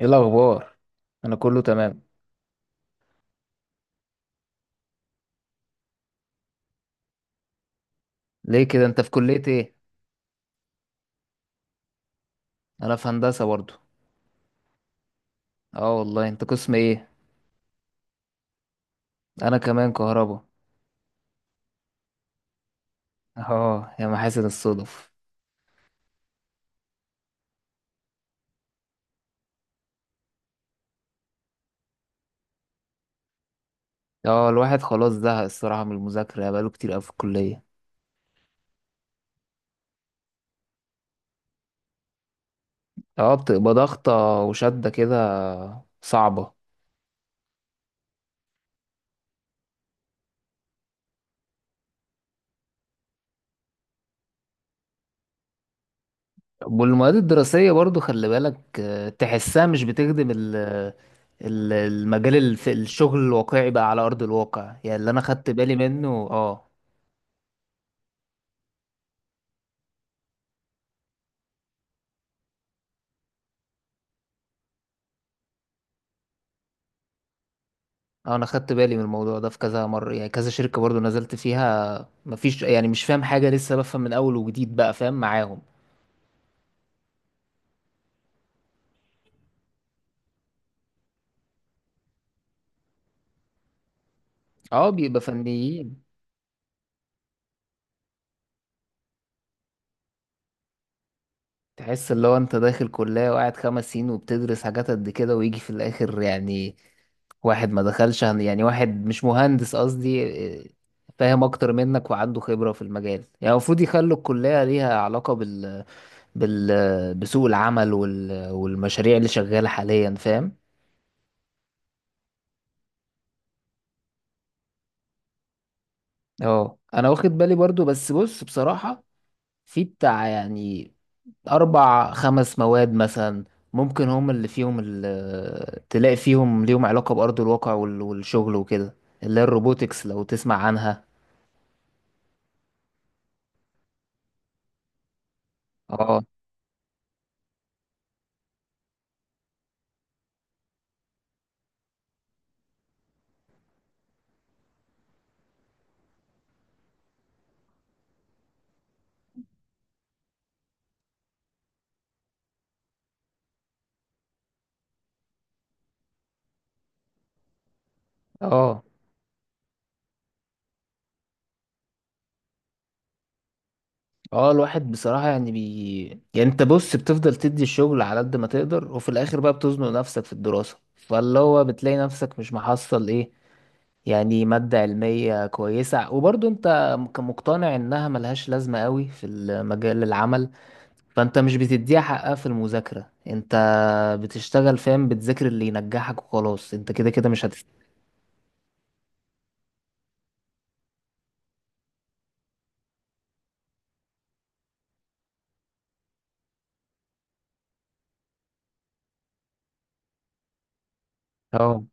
ايه الاخبار؟ انا كله تمام. ليه كده؟ انت في كلية ايه؟ انا في هندسة برضو. اه والله، انت قسم ايه؟ انا كمان كهربا. اه يا محاسن الصدف. اه الواحد خلاص زهق الصراحة من المذاكرة، يعني بقاله كتير قوي في الكلية. اه بتبقى ضغطة وشدة كده، صعبة. والمواد الدراسية برضو خلي بالك، تحسها مش بتخدم المجال، الشغل الواقعي بقى على أرض الواقع، يعني اللي أنا خدت بالي منه. اه، انا خدت بالي من الموضوع ده في كذا مره، يعني كذا شركه برضو نزلت فيها، مفيش يعني مش فاهم حاجه، لسه بفهم من اول وجديد بقى فاهم معاهم. اه بيبقى فنيين. تحس اللي هو انت داخل كليه وقاعد 5 سنين وبتدرس حاجات قد كده ويجي في الاخر، يعني واحد ما دخلش يعني واحد مش مهندس قصدي إيه، فاهم اكتر منك وعنده خبرة في المجال، يعني المفروض يخلوا الكلية ليها علاقة بال... بسوق العمل والمشاريع اللي شغالة حاليا. فاهم؟ اه انا واخد بالي برضو، بس بص بصراحة في بتاع يعني اربع خمس مواد مثلا، ممكن هم اللي فيهم، اللي تلاقي فيهم ليهم علاقة بأرض الواقع والشغل وكده، اللي هي الروبوتكس لو تسمع عنها. اه. اه اه الواحد بصراحة يعني يعني انت بص، بتفضل تدي الشغل على قد ما تقدر، وفي الاخر بقى بتزنق نفسك في الدراسة، فاللي هو بتلاقي نفسك مش محصل ايه، يعني مادة علمية كويسة، وبرضه انت مقتنع انها ملهاش لازمة قوي في مجال العمل، فانت مش بتديها حقها في المذاكرة، انت بتشتغل. فاهم؟ بتذاكر اللي ينجحك وخلاص، انت كده كده مش هتفهم. اه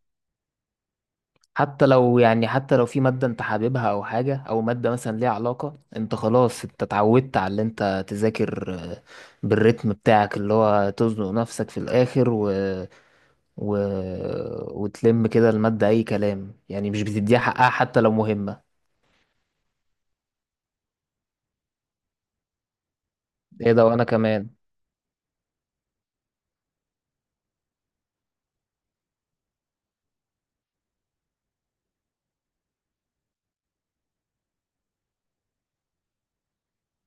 حتى لو يعني حتى لو في مادة انت حاببها او حاجة، او مادة مثلا ليها علاقة، انت خلاص انت اتعودت على اللي انت تذاكر، بالريتم بتاعك اللي هو تزنق نفسك في الاخر، و... وتلم كده المادة أي كلام، يعني مش بتديها حقها حتى لو مهمة. ايه ده! وأنا كمان.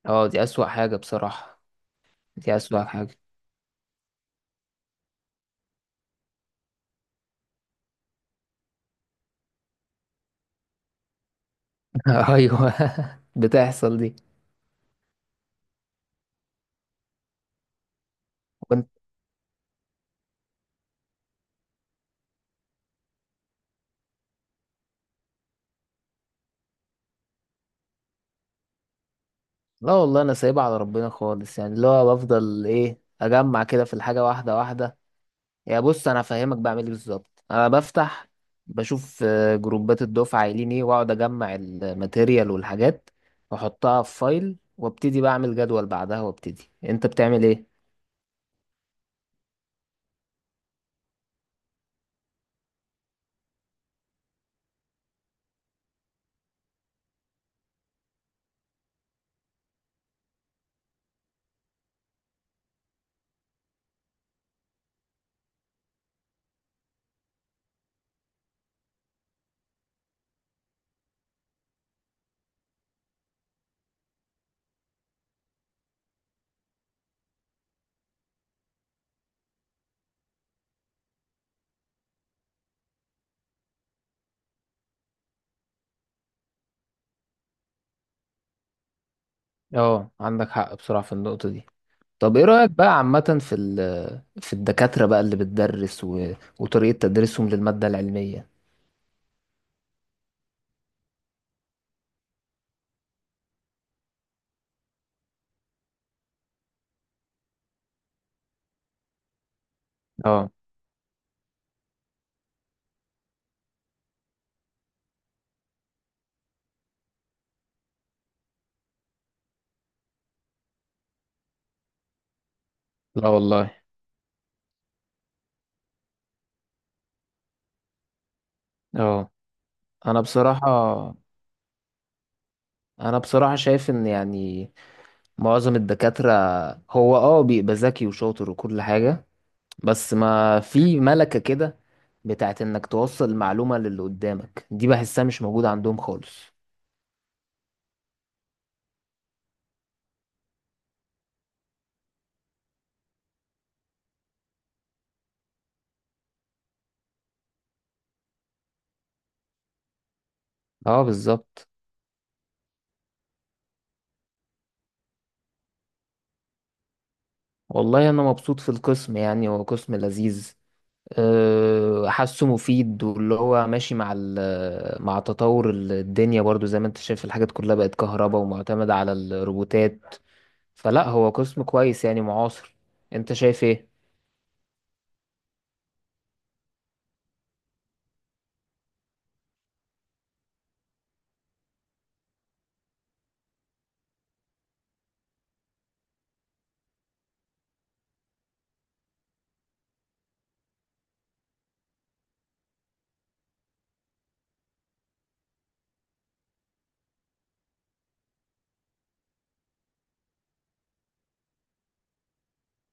اه دي أسوأ حاجة بصراحة. دي أسوأ حاجة. أيوه بتحصل دي. كنت. لا والله، أنا سايبها على ربنا خالص، يعني اللي هو بفضل إيه أجمع كده في الحاجة واحدة واحدة. يا بص أنا هفهمك بعمل إيه بالظبط. أنا بفتح بشوف، جروبات الدفعة قايلين إيه، وأقعد أجمع الماتيريال والحاجات وأحطها في فايل، وابتدي بعمل جدول بعدها وابتدي. أنت بتعمل إيه؟ اه عندك حق بصراحة في النقطة دي. طب ايه رأيك بقى عامة في في الدكاترة بقى اللي بتدرس وطريقة تدريسهم للمادة العلمية؟ اه. لا والله. اه انا بصراحة، شايف ان يعني معظم الدكاترة هو بيبقى ذكي وشاطر وكل حاجة، بس ما في ملكة كده بتاعت انك توصل المعلومة للي قدامك، دي بحسها مش موجودة عندهم خالص. اه بالظبط. والله انا مبسوط في القسم، يعني هو قسم لذيذ، حاسه مفيد، واللي هو ماشي مع مع تطور الدنيا برضو. زي ما انت شايف الحاجات كلها بقت كهرباء ومعتمدة على الروبوتات، فلا هو قسم كويس يعني معاصر. انت شايف ايه؟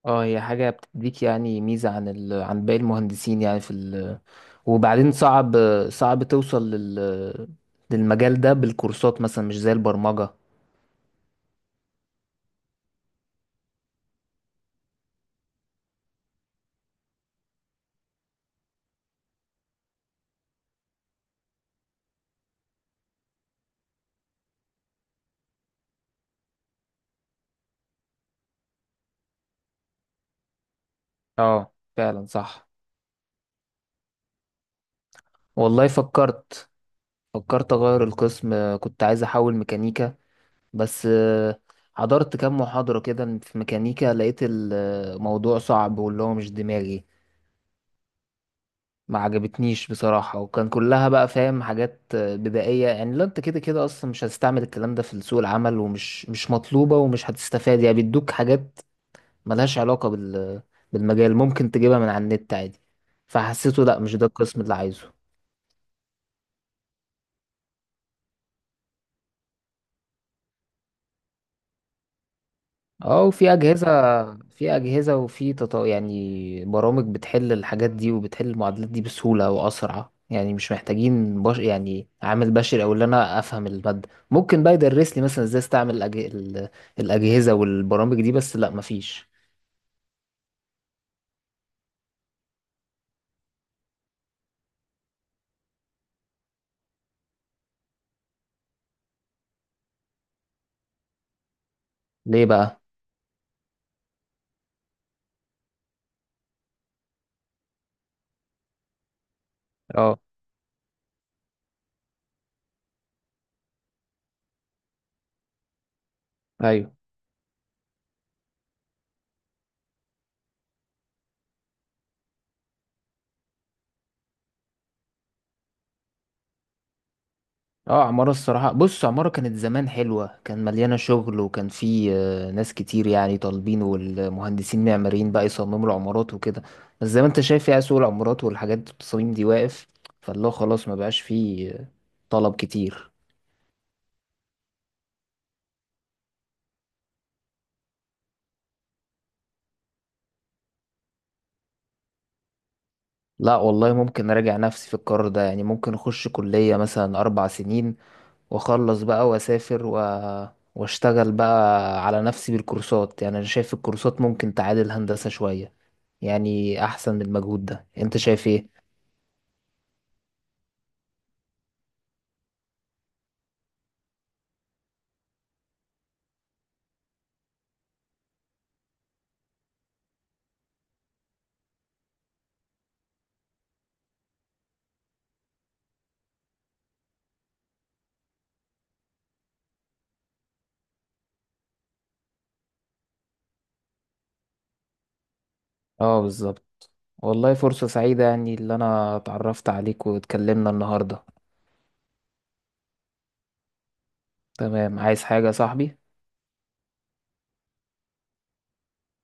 اه هي حاجة بتديك يعني ميزة عن عن باقي المهندسين يعني في ال... وبعدين صعب، توصل للمجال ده بالكورسات مثلا، مش زي البرمجة. اه فعلا صح. والله فكرت. اغير القسم، كنت عايز احول ميكانيكا، بس حضرت كام محاضرة كده في ميكانيكا، لقيت الموضوع صعب واللي هو مش دماغي. ما عجبتنيش بصراحة، وكان كلها بقى فاهم حاجات بدائية، يعني لو انت كده كده اصلا مش هتستعمل الكلام ده في سوق العمل، ومش مش مطلوبة ومش هتستفاد، يعني بيدوك حاجات ملهاش علاقة بال بالمجال، ممكن تجيبها من على النت عادي. فحسيته لا، مش ده القسم اللي عايزه. اه وفي اجهزه، في اجهزه وفي يعني برامج بتحل الحاجات دي وبتحل المعادلات دي بسهوله واسرع، يعني مش محتاجين يعني عامل بشري، او اللي انا افهم الماده ممكن بقى يدرس لي مثلا ازاي استعمل الاجهزه والبرامج دي. بس لا مفيش. ليه بقى؟ اه. ايوه. اه عمارة الصراحة، بص عمارة كانت زمان حلوة، كان مليانة شغل وكان في ناس كتير يعني طالبين، والمهندسين معماريين بقى يصمموا العمارات وكده. بس زي ما انت شايف، يعني سوق العمارات والحاجات التصاميم دي واقف، فالله خلاص ما بقاش فيه طلب كتير. لا والله ممكن اراجع نفسي في القرار ده، يعني ممكن اخش كلية مثلا 4 سنين، واخلص بقى واسافر واشتغل بقى على نفسي بالكورسات. يعني انا شايف الكورسات ممكن تعادل هندسة شوية، يعني احسن من المجهود ده. انت شايف ايه؟ اه بالظبط. والله فرصة سعيدة يعني اللي انا اتعرفت عليك واتكلمنا النهاردة. تمام، عايز حاجة يا صاحبي؟